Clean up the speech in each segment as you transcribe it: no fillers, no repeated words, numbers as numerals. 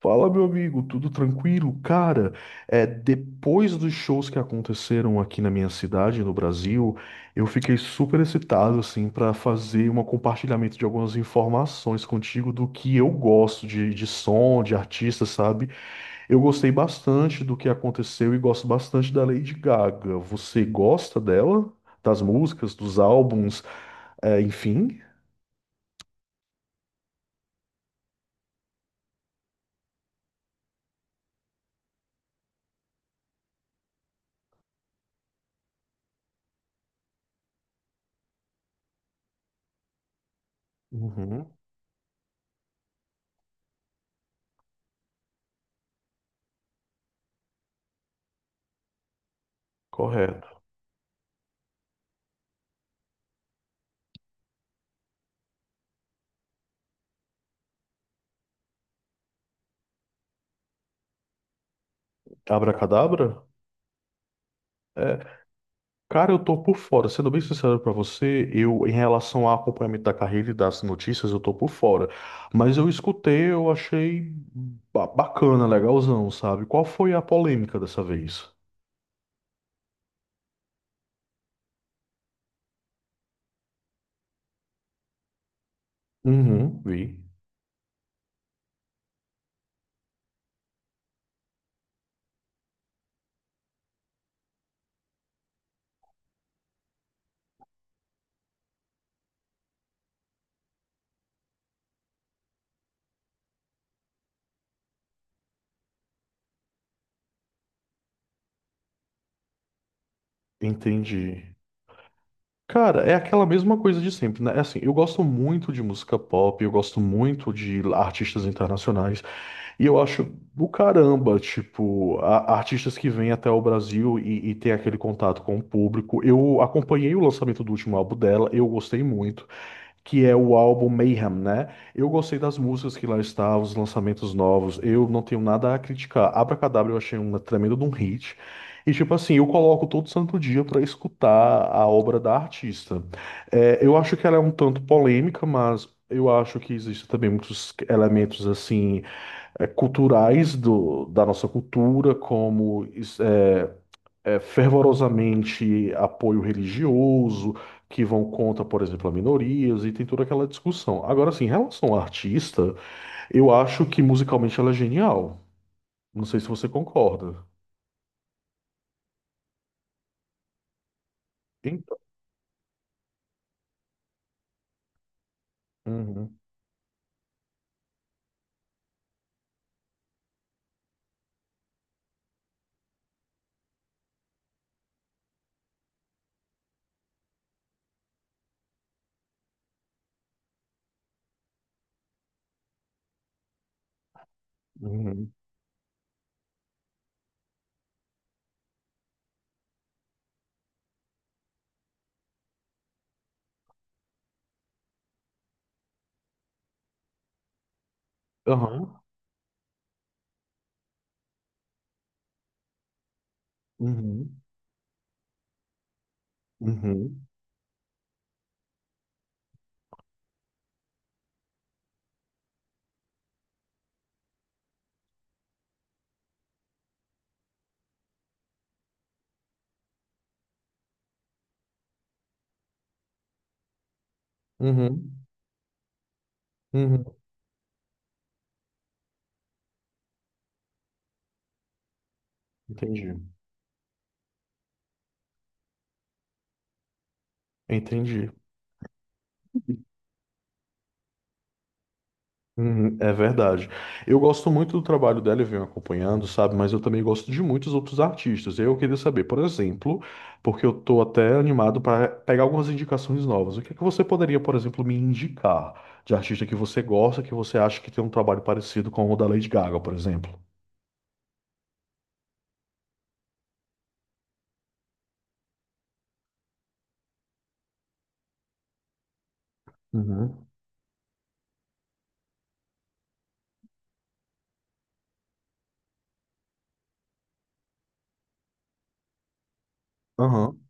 Fala, meu amigo, tudo tranquilo? Cara, depois dos shows que aconteceram aqui na minha cidade, no Brasil, eu fiquei super excitado, assim, para fazer um compartilhamento de algumas informações contigo do que eu gosto de som, de artista, sabe? Eu gostei bastante do que aconteceu e gosto bastante da Lady Gaga. Você gosta dela? Das músicas, dos álbuns, enfim? Uhum. Correto. Abracadabra? É. Cara, eu tô por fora. Sendo bem sincero pra você, eu, em relação ao acompanhamento da carreira e das notícias, eu tô por fora. Mas eu escutei, eu achei bacana, legalzão, sabe? Qual foi a polêmica dessa vez? Uhum, vi. Entendi. Cara, é aquela mesma coisa de sempre, né? É Assim, eu gosto muito de música pop, eu gosto muito de artistas internacionais. E eu acho do caramba, tipo, artistas que vêm até o Brasil e têm aquele contato com o público. Eu acompanhei o lançamento do último álbum dela, eu gostei muito, que é o álbum Mayhem, né? Eu gostei das músicas que lá estavam, os lançamentos novos, eu não tenho nada a criticar. Abracadabra eu achei uma tremenda de um hit. E, tipo assim, eu coloco todo santo dia pra escutar a obra da artista. É, eu acho que ela é um tanto polêmica, mas eu acho que existem também muitos elementos, assim, culturais da nossa cultura, como fervorosamente apoio religioso, que vão contra, por exemplo, a minorias, e tem toda aquela discussão. Agora, assim, em relação à artista, eu acho que musicalmente ela é genial. Não sei se você concorda. Então, uhum, uhum, aham, uhum, uhum, uhum, uhum. Entendi, entendi. Uhum, é verdade. Eu gosto muito do trabalho dela e venho acompanhando, sabe? Mas eu também gosto de muitos outros artistas. Eu queria saber, por exemplo, porque eu tô até animado para pegar algumas indicações novas. O que é que você poderia, por exemplo, me indicar de artista que você gosta, que você acha que tem um trabalho parecido com o da Lady Gaga, por exemplo? Uhum. Aham,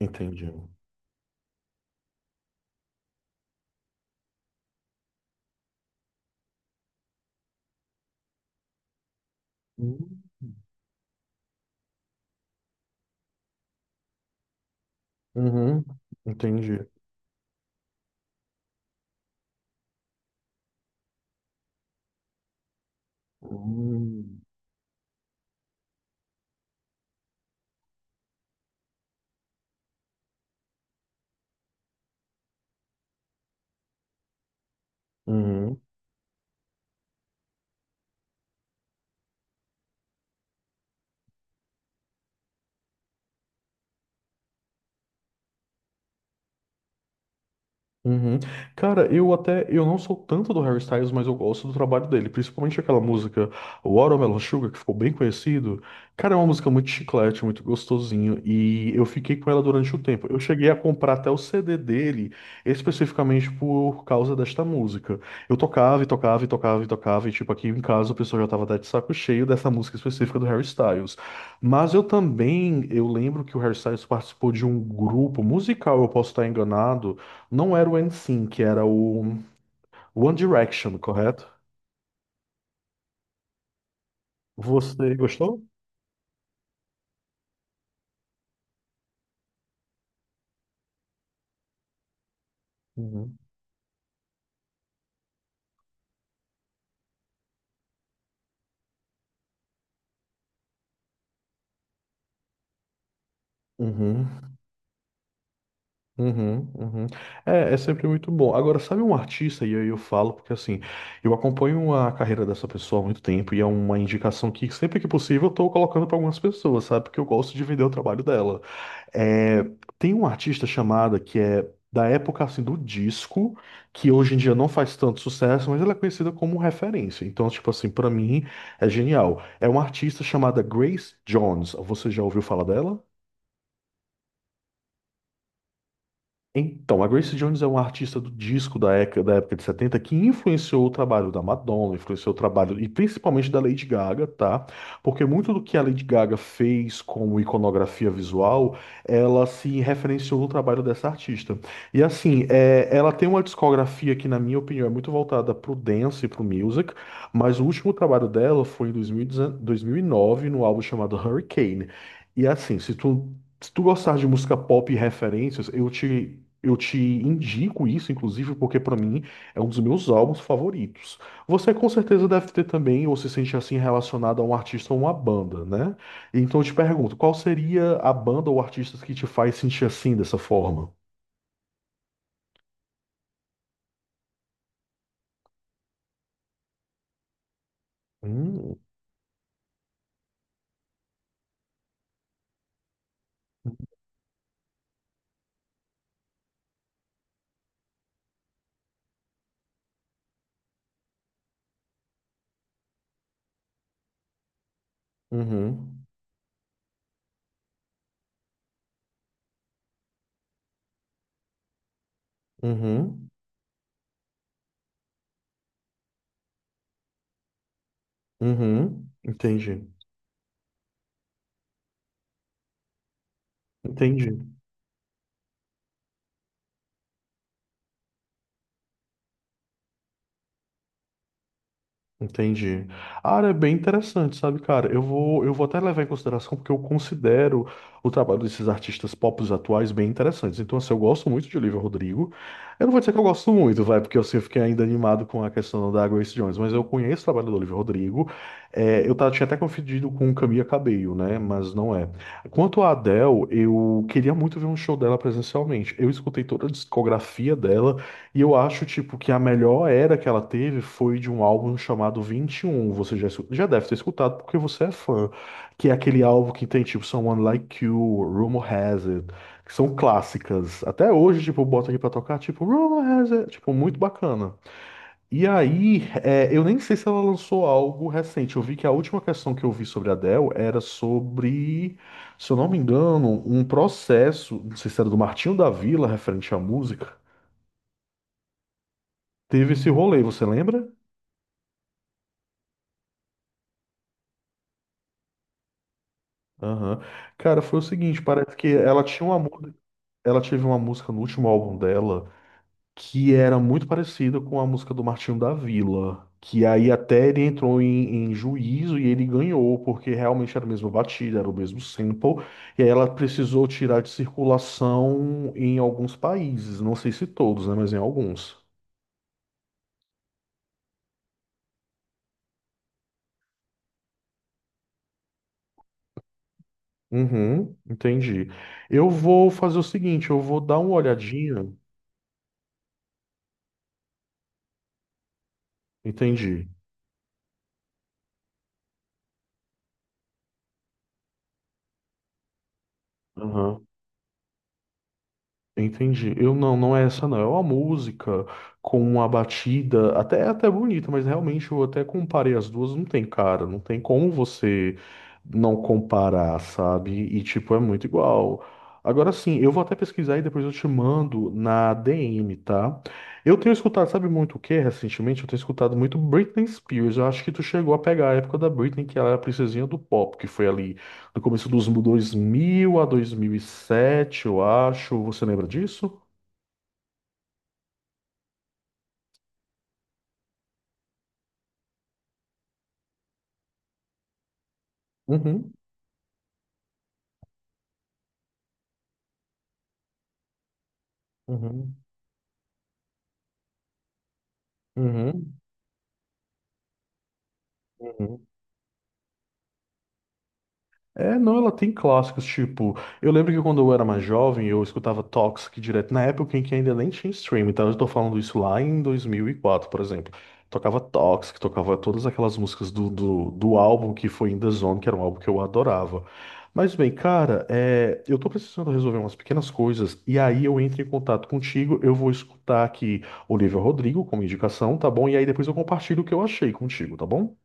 entendi. Hum. Uhum, entendi. Hum. Uhum. Uhum. Cara, eu até eu não sou tanto do Harry Styles, mas eu gosto do trabalho dele, principalmente aquela música Watermelon Sugar, que ficou bem conhecido. Cara, é uma música muito chiclete, muito gostosinho, e eu fiquei com ela durante o tempo. Eu cheguei a comprar até o CD dele, especificamente por causa desta música. Eu tocava e tocava e tocava e tocava, e tipo, aqui em casa o pessoal já tava até de saco cheio dessa música específica do Harry Styles. Mas eu também, eu lembro que o Harry Styles participou de um grupo musical, eu posso estar enganado, não era o NSYNC, era o One Direction, correto? Você gostou? Uhum. Uhum, uhum, uhum. É, é sempre muito bom. Agora, sabe um artista, e aí eu falo, porque assim, eu acompanho a carreira dessa pessoa há muito tempo e é uma indicação que sempre que possível eu tô colocando para algumas pessoas, sabe? Porque eu gosto de vender o trabalho dela. É, tem um artista chamada que é da época assim do disco, que hoje em dia não faz tanto sucesso, mas ela é conhecida como referência. Então, tipo assim, pra mim é genial. É uma artista chamada Grace Jones. Você já ouviu falar dela? Então, a Grace Jones é uma artista do disco da época de 70, que influenciou o trabalho da Madonna, influenciou o trabalho e principalmente da Lady Gaga, tá? Porque muito do que a Lady Gaga fez como iconografia visual, ela se referenciou no trabalho dessa artista. E assim, é, ela tem uma discografia que, na minha opinião, é muito voltada pro dance e pro music, mas o último trabalho dela foi em 2019, no álbum chamado Hurricane. E assim, se tu gostar de música pop e referências, eu te indico isso, inclusive, porque pra mim é um dos meus álbuns favoritos. Você com certeza deve ter também, ou se sente assim relacionado a um artista ou uma banda, né? Então eu te pergunto, qual seria a banda ou artista que te faz sentir assim dessa forma? Hum, uhum, uhum, uhum, entendi, entendi. Entendi. A área é bem interessante, sabe, cara? Eu vou até levar em consideração porque eu considero o trabalho desses artistas pop atuais bem interessantes. Então, assim, eu gosto muito de Olivia Rodrigo. Eu não vou dizer que eu gosto muito, vai, porque assim, eu fiquei ainda animado com a questão da Grace Jones, mas eu conheço o trabalho do Olivia Rodrigo. É, eu tava, tinha até confundido com Camila Cabello, né? Mas não é. Quanto à Adele, eu queria muito ver um show dela presencialmente. Eu escutei toda a discografia dela. E eu acho, tipo, que a melhor era que ela teve foi de um álbum chamado 21. Você já, já deve ter escutado porque você é fã. Que é aquele álbum que tem, tipo, Someone Like You, Rumor Has It, que são clássicas. Até hoje, tipo, eu boto aqui pra tocar, tipo, Rumor Has It, tipo, muito bacana. E aí, é, eu nem sei se ela lançou algo recente. Eu vi que a última questão que eu vi sobre a Adele era sobre, se eu não me engano, um processo, não sei se era do Martinho da Vila, referente à música. Teve esse rolê, você lembra? Aham. Cara, foi o seguinte, parece que ela tinha uma ela teve uma música no último álbum dela que era muito parecida com a música do Martinho da Vila, que aí até ele entrou em juízo e ele ganhou, porque realmente era a mesma batida, era o mesmo sample, e aí ela precisou tirar de circulação em alguns países, não sei se todos, né, mas em alguns. Uhum, entendi. Eu vou fazer o seguinte, eu vou dar uma olhadinha, entendi. Aham. Entendi. Eu não, não é essa não. É uma música com uma batida até bonita, mas realmente eu até comparei as duas, não tem, cara, não tem como você não comparar, sabe? E tipo, é muito igual. Agora sim, eu vou até pesquisar e depois eu te mando na DM, tá? Eu tenho escutado, sabe muito o que recentemente? Eu tenho escutado muito Britney Spears. Eu acho que tu chegou a pegar a época da Britney, que ela era a princesinha do pop, que foi ali no começo dos 2000 a 2007, eu acho. Você lembra disso? Uhum, uhum, uhum, uhum. É, não, ela tem clássicos, tipo, eu lembro que quando eu era mais jovem, eu escutava Toxic direto, na época em que ainda nem tinha streaming, então eu tô falando isso lá em 2004, por exemplo. Tocava Toxic, tocava todas aquelas músicas do álbum que foi In The Zone, que era um álbum que eu adorava. Mas bem, cara, é, eu tô precisando resolver umas pequenas coisas, e aí eu entro em contato contigo, eu vou escutar aqui Olivia Rodrigo como indicação, tá bom? E aí depois eu compartilho o que eu achei contigo, tá bom?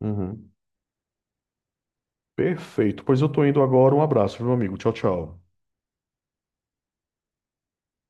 Uhum. Perfeito. Pois eu tô indo agora. Um abraço, meu amigo. Tchau, tchau.